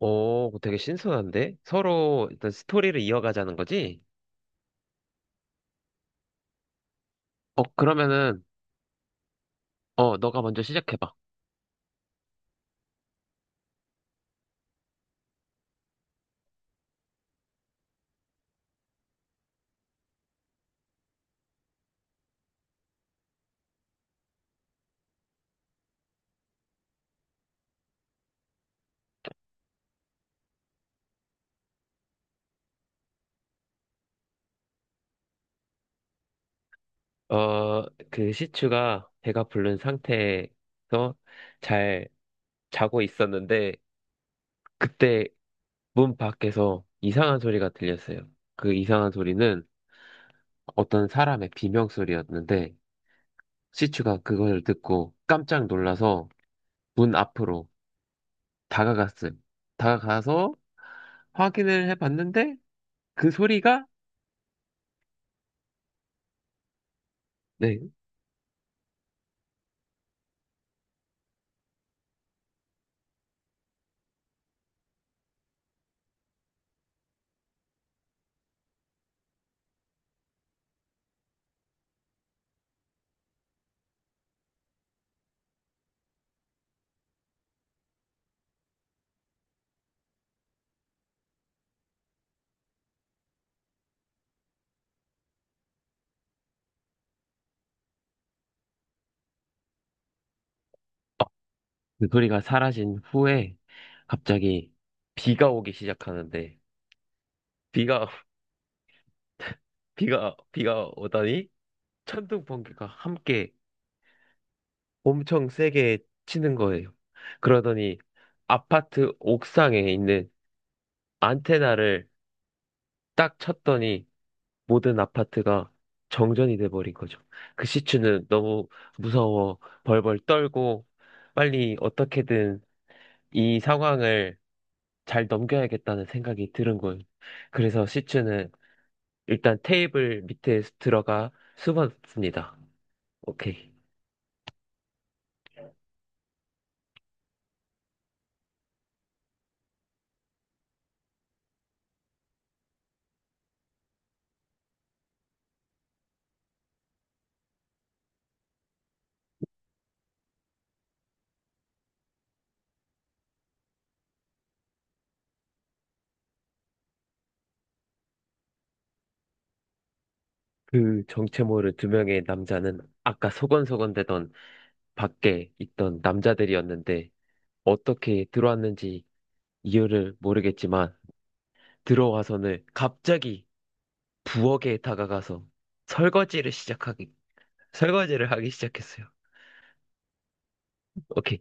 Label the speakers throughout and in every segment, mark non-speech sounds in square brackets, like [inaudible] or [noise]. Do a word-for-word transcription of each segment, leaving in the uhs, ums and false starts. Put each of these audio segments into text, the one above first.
Speaker 1: 오, 되게 신선한데? 서로 일단 스토리를 이어가자는 거지? 어, 그러면은, 어, 너가 먼저 시작해봐. 어, 그 시추가 배가 부른 상태에서 잘 자고 있었는데, 그때 문 밖에서 이상한 소리가 들렸어요. 그 이상한 소리는 어떤 사람의 비명 소리였는데, 시추가 그걸 듣고 깜짝 놀라서 문 앞으로 다가갔어요. 다가가서 확인을 해봤는데, 그 소리가, 네. 그 소리가 사라진 후에 갑자기 비가 오기 시작하는데 비가 [laughs] 비가 비가 오다니 천둥 번개가 함께 엄청 세게 치는 거예요. 그러더니 아파트 옥상에 있는 안테나를 딱 쳤더니 모든 아파트가 정전이 돼버린 거죠. 그 시추는 너무 무서워 벌벌 떨고 빨리 어떻게든 이 상황을 잘 넘겨야겠다는 생각이 들은 거예요. 그래서 시추는 일단 테이블 밑에 들어가 숨었습니다. 오케이. 그 정체 모를 두 명의 남자는 아까 소곤소곤대던 밖에 있던 남자들이었는데 어떻게 들어왔는지 이유를 모르겠지만 들어와서는 갑자기 부엌에 다가가서 설거지를 시작하기, 설거지를 하기 시작했어요. 오케이.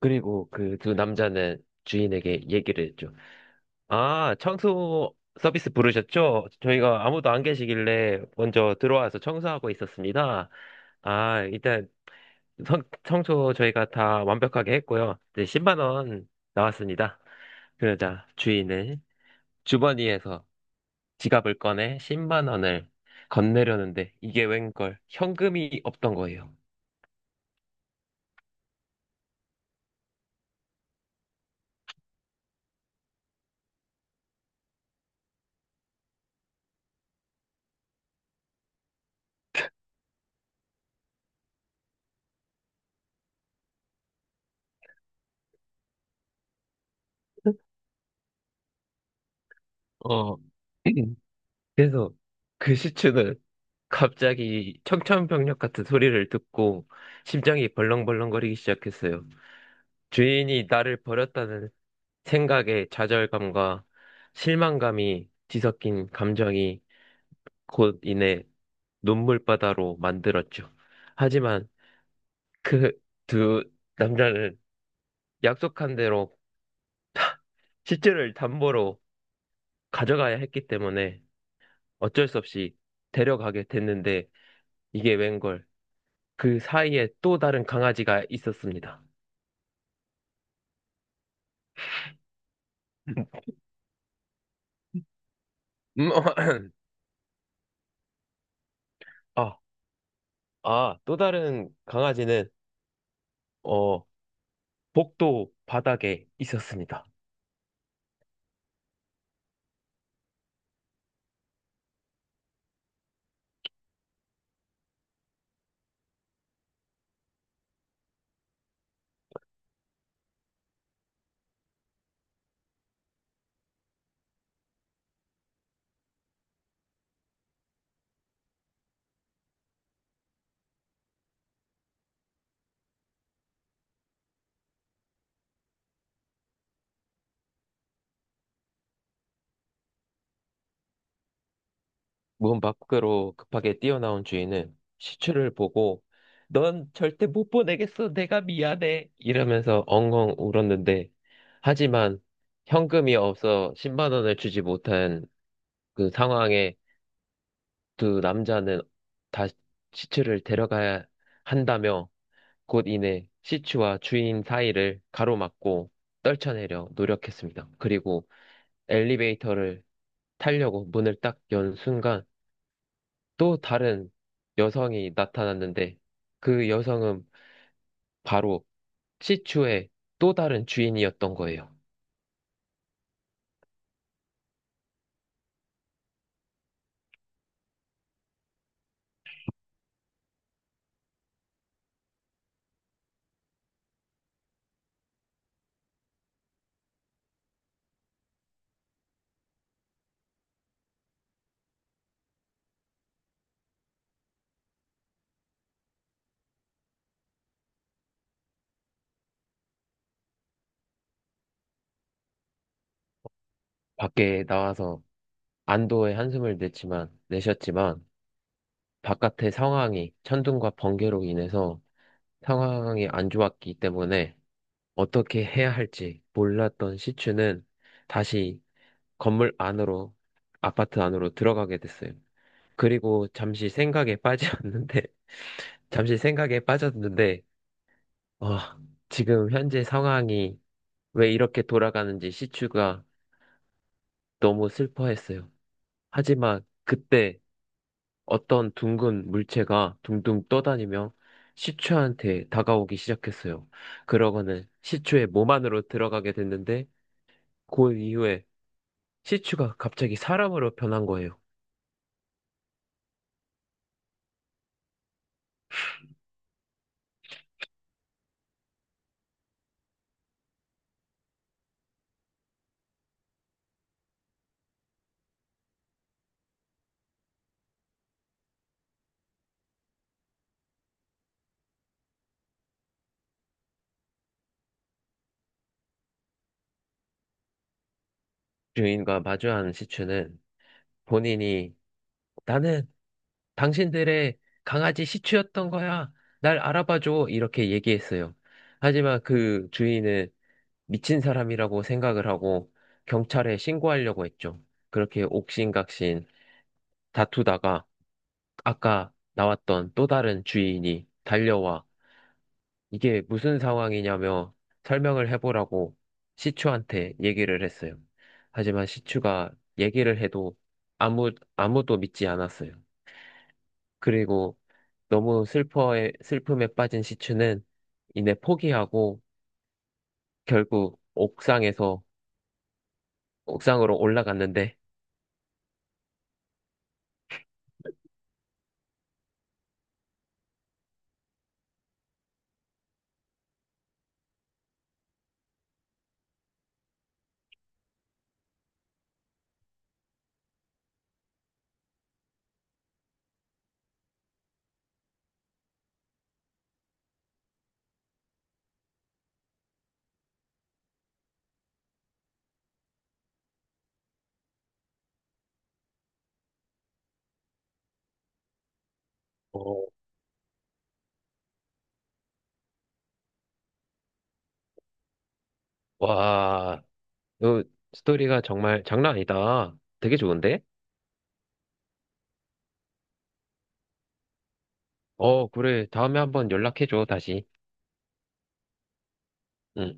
Speaker 1: 그리고 그 두 남자는 주인에게 얘기를 했죠. 아, 청소 서비스 부르셨죠? 저희가 아무도 안 계시길래 먼저 들어와서 청소하고 있었습니다. 아, 일단 청- 청소 저희가 다 완벽하게 했고요. 이제 십만 원 나왔습니다. 그러자 주인은 주머니에서 지갑을 꺼내 십만 원을 건네려는데 이게 웬걸 현금이 없던 거예요. 어, [clears throat] 그래서 그 시추는 갑자기 청천벽력 같은 소리를 듣고 심장이 벌렁벌렁거리기 시작했어요. 주인이 나를 버렸다는 생각에 좌절감과 실망감이 뒤섞인 감정이 곧 이내 눈물바다로 만들었죠. 하지만 그 두 남자는 약속한 대로 시체를 담보로 가져가야 했기 때문에 어쩔 수 없이 데려가게 됐는데 이게 웬걸 그 사이에 또 다른 강아지가 있었습니다. 음, [clears throat] 아, 아, 또 다른 강아지는, 어, 복도 바닥에 있었습니다. 문 밖으로 급하게 뛰어나온 주인은 시추를 보고, 넌 절대 못 보내겠어. 내가 미안해. 이러면서 엉엉 울었는데, 하지만 현금이 없어 십만 원을 주지 못한 그 상황에 두 남자는 다 시추를 데려가야 한다며 곧 이내 시추와 주인 사이를 가로막고 떨쳐내려 노력했습니다. 그리고 엘리베이터를 타려고 문을 딱 연 순간 또 다른 여성이 나타났는데 그 여성은 바로 시추의 또 다른 주인이었던 거예요. 밖에 나와서 안도의 한숨을 냈지만, 내셨지만 바깥의 상황이 천둥과 번개로 인해서 상황이 안 좋았기 때문에 어떻게 해야 할지 몰랐던 시추는 다시 건물 안으로, 아파트 안으로 들어가게 됐어요. 그리고 잠시 생각에 빠졌는데, [laughs] 잠시 생각에 빠졌는데, 어, 지금 현재 상황이 왜 이렇게 돌아가는지 시추가 너무 슬퍼했어요. 하지만 그때 어떤 둥근 물체가 둥둥 떠다니며 시추한테 다가오기 시작했어요. 그러고는 시추의 몸 안으로 들어가게 됐는데, 그 이후에 시츄가 갑자기 사람으로 변한 거예요. 주인과 마주한 시츄는 본인이 나는 당신들의 강아지 시츄였던 거야. 날 알아봐줘. 이렇게 얘기했어요. 하지만 그 주인은 미친 사람이라고 생각을 하고 경찰에 신고하려고 했죠. 그렇게 옥신각신 다투다가 아까 나왔던 또 다른 주인이 달려와 이게 무슨 상황이냐며 설명을 해보라고 시추한테 얘기를 했어요. 하지만 시추가 얘기를 해도 아무, 아무도 믿지 않았어요. 그리고 너무 슬퍼에, 슬픔에 빠진 시추는 이내 포기하고 결국 옥상에서, 옥상으로 올라갔는데, 어, 와, 이 스토리가 정말 장난 아니다. 되게 좋은데? 어, 그래. 다음에 한번 연락해줘, 다시. 응.